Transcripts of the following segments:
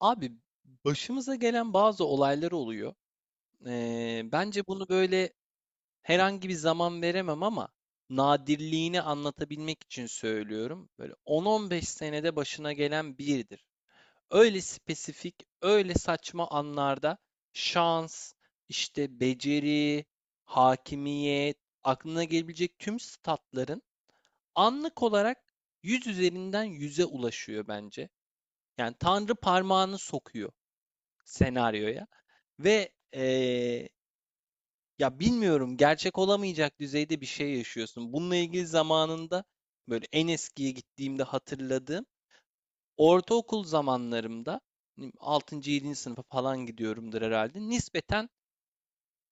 Abi başımıza gelen bazı olaylar oluyor. Bence bunu böyle herhangi bir zaman veremem ama nadirliğini anlatabilmek için söylüyorum. Böyle 10-15 senede başına gelen biridir. Öyle spesifik, öyle saçma anlarda şans, işte beceri, hakimiyet, aklına gelebilecek tüm statların anlık olarak 100 üzerinden 100'e ulaşıyor bence. Yani Tanrı parmağını sokuyor senaryoya ve ya bilmiyorum, gerçek olamayacak düzeyde bir şey yaşıyorsun. Bununla ilgili zamanında böyle en eskiye gittiğimde hatırladığım ortaokul zamanlarımda hani, altıncı, yedinci sınıfa falan gidiyorumdur herhalde. Nispeten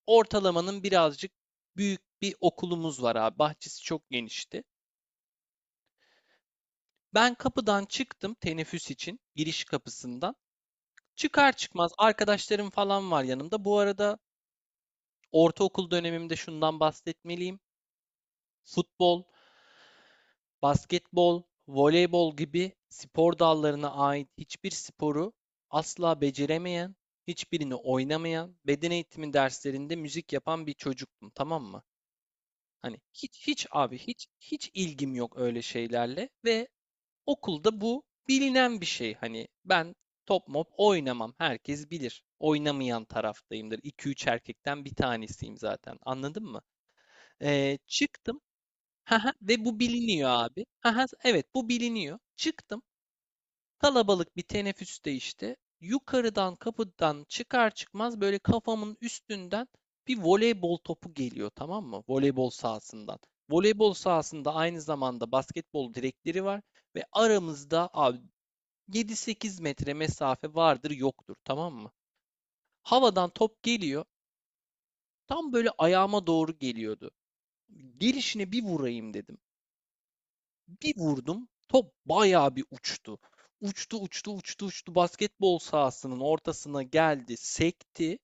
ortalamanın birazcık büyük bir okulumuz var abi. Bahçesi çok genişti. Ben kapıdan çıktım teneffüs için, giriş kapısından. Çıkar çıkmaz arkadaşlarım falan var yanımda. Bu arada ortaokul dönemimde şundan bahsetmeliyim. Futbol, basketbol, voleybol gibi spor dallarına ait hiçbir sporu asla beceremeyen, hiçbirini oynamayan, beden eğitimi derslerinde müzik yapan bir çocuktum, tamam mı? Hani hiç hiç abi hiç hiç ilgim yok öyle şeylerle ve okulda bu bilinen bir şey. Hani ben top mop oynamam. Herkes bilir. Oynamayan taraftayımdır. İki üç erkekten bir tanesiyim zaten. Anladın mı? Çıktım. Hı. Ve bu biliniyor abi. Hı, evet, bu biliniyor. Çıktım. Kalabalık bir teneffüste işte. Yukarıdan kapıdan çıkar çıkmaz böyle kafamın üstünden bir voleybol topu geliyor, tamam mı? Voleybol sahasından. Voleybol sahasında aynı zamanda basketbol direkleri var ve aramızda abi 7-8 metre mesafe vardır yoktur, tamam mı? Havadan top geliyor. Tam böyle ayağıma doğru geliyordu. Gelişine bir vurayım dedim. Bir vurdum, top bayağı bir uçtu. Uçtu, uçtu, uçtu, uçtu. Basketbol sahasının ortasına geldi, sekti.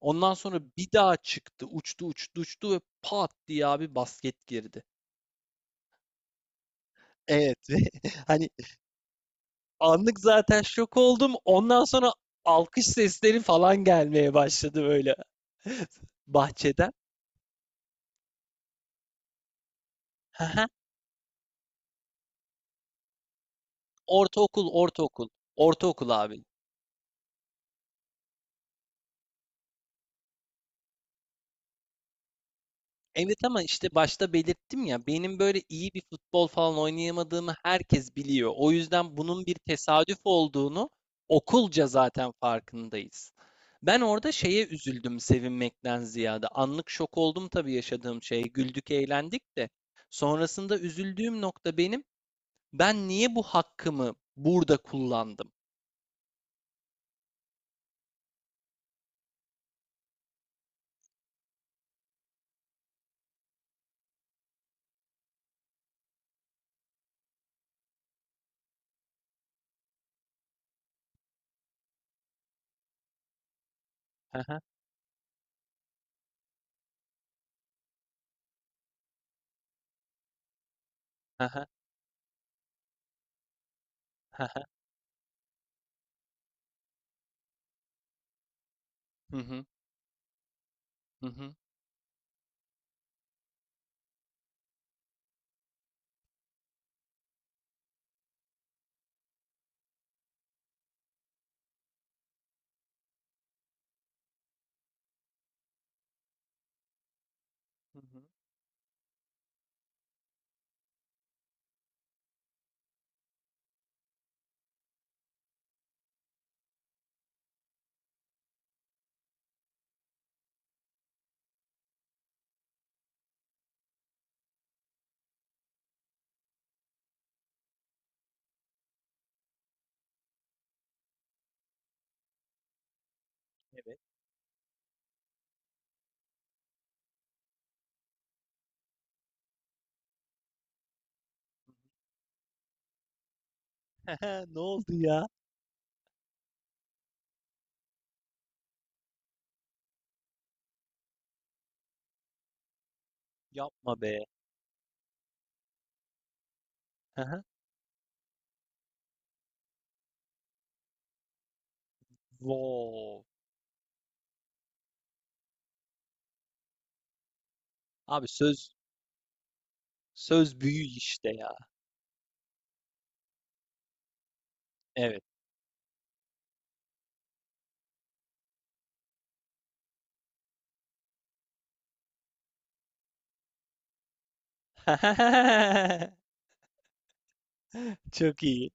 Ondan sonra bir daha çıktı, uçtu, uçtu, uçtu ve pat diye abi basket girdi. Evet. Hani anlık zaten şok oldum. Ondan sonra alkış sesleri falan gelmeye başladı böyle bahçeden. Hı hı. Ortaokul, ortaokul. Ortaokul abi. Evet, ama işte başta belirttim ya, benim böyle iyi bir futbol falan oynayamadığımı herkes biliyor. O yüzden bunun bir tesadüf olduğunu okulca zaten farkındayız. Ben orada şeye üzüldüm, sevinmekten ziyade. Anlık şok oldum tabii yaşadığım şeye. Güldük, eğlendik de. Sonrasında üzüldüğüm nokta benim. Ben niye bu hakkımı burada kullandım? Hı hı, hı hı, hı hı, hı hı, hı hı, hı hı. Evet. Ne oldu ya? Yapma be. Hı hı. Wow. Abi söz büyü işte ya. Evet. Çok iyi.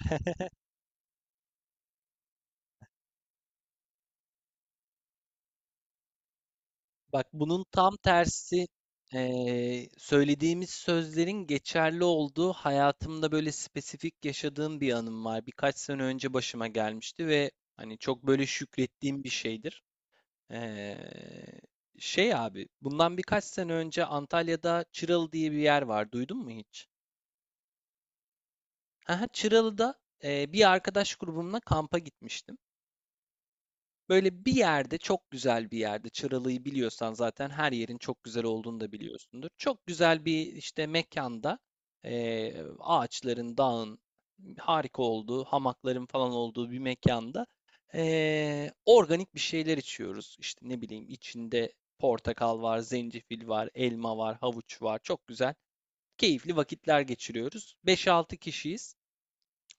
Bak, bunun tam tersi söylediğimiz sözlerin geçerli olduğu hayatımda böyle spesifik yaşadığım bir anım var. Birkaç sene önce başıma gelmişti ve hani çok böyle şükrettiğim bir şeydir. Eee, şey abi, bundan birkaç sene önce Antalya'da Çıralı diye bir yer var. Duydun mu hiç? Aha, Çıralı'da bir arkadaş grubumla kampa gitmiştim. Böyle bir yerde, çok güzel bir yerde, Çıralı'yı biliyorsan zaten her yerin çok güzel olduğunu da biliyorsundur. Çok güzel bir işte mekanda, ağaçların, dağın harika olduğu, hamakların falan olduğu bir mekanda organik bir şeyler içiyoruz. İşte ne bileyim, içinde portakal var, zencefil var, elma var, havuç var. Çok güzel, keyifli vakitler geçiriyoruz. 5-6 kişiyiz.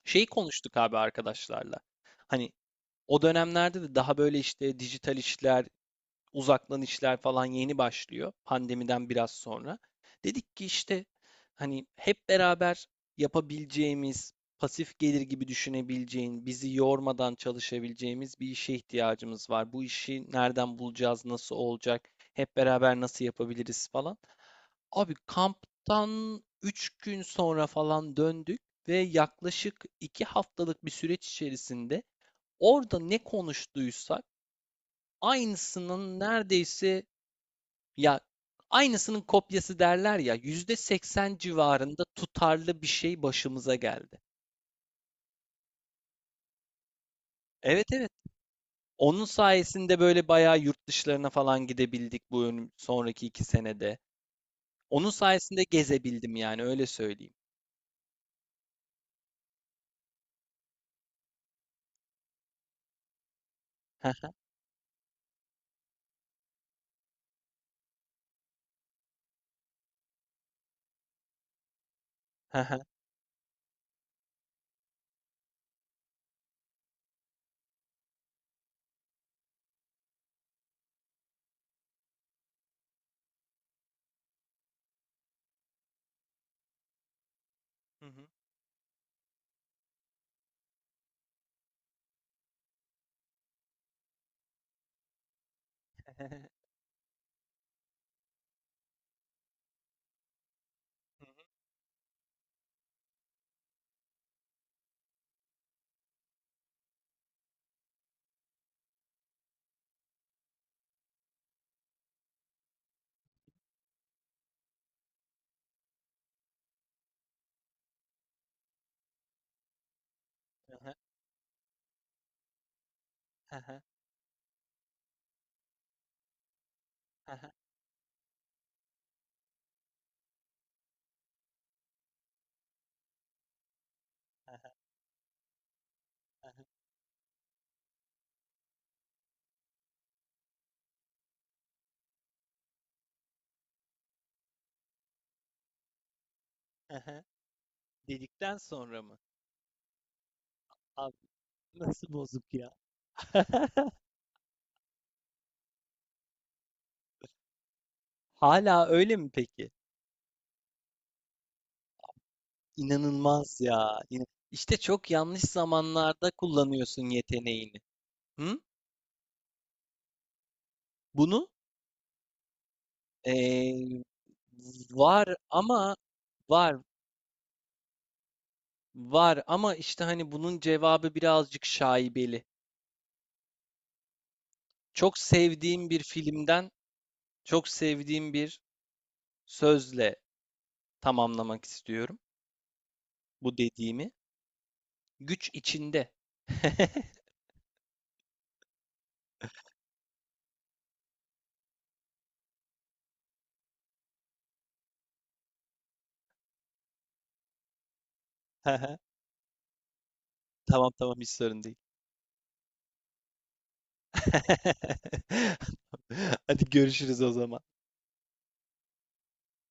Şeyi konuştuk abi arkadaşlarla. Hani o dönemlerde de daha böyle işte dijital işler, uzaktan işler falan yeni başlıyor, pandemiden biraz sonra. Dedik ki işte hani hep beraber yapabileceğimiz, pasif gelir gibi düşünebileceğin, bizi yormadan çalışabileceğimiz bir işe ihtiyacımız var. Bu işi nereden bulacağız, nasıl olacak, hep beraber nasıl yapabiliriz falan. Abi kamptan 3 gün sonra falan döndük ve yaklaşık 2 haftalık bir süreç içerisinde orada ne konuştuysak aynısının neredeyse, ya, aynısının kopyası derler ya, %80 civarında tutarlı bir şey başımıza geldi. Evet, evet. Onun sayesinde böyle bayağı yurt dışlarına falan gidebildik bu sonraki 2 senede. Onun sayesinde gezebildim, yani öyle söyleyeyim. Dedikten sonra mı? Abi nasıl bozuk ya? Hala öyle mi peki? İnanılmaz ya. İşte çok yanlış zamanlarda kullanıyorsun yeteneğini. Hı? Bunu ee, var ama var var ama işte hani bunun cevabı birazcık şaibeli. Çok sevdiğim bir filmden, çok sevdiğim bir sözle tamamlamak istiyorum bu dediğimi. Güç içinde. Tamam, tamam, hiç sorun değil. Hadi görüşürüz o zaman.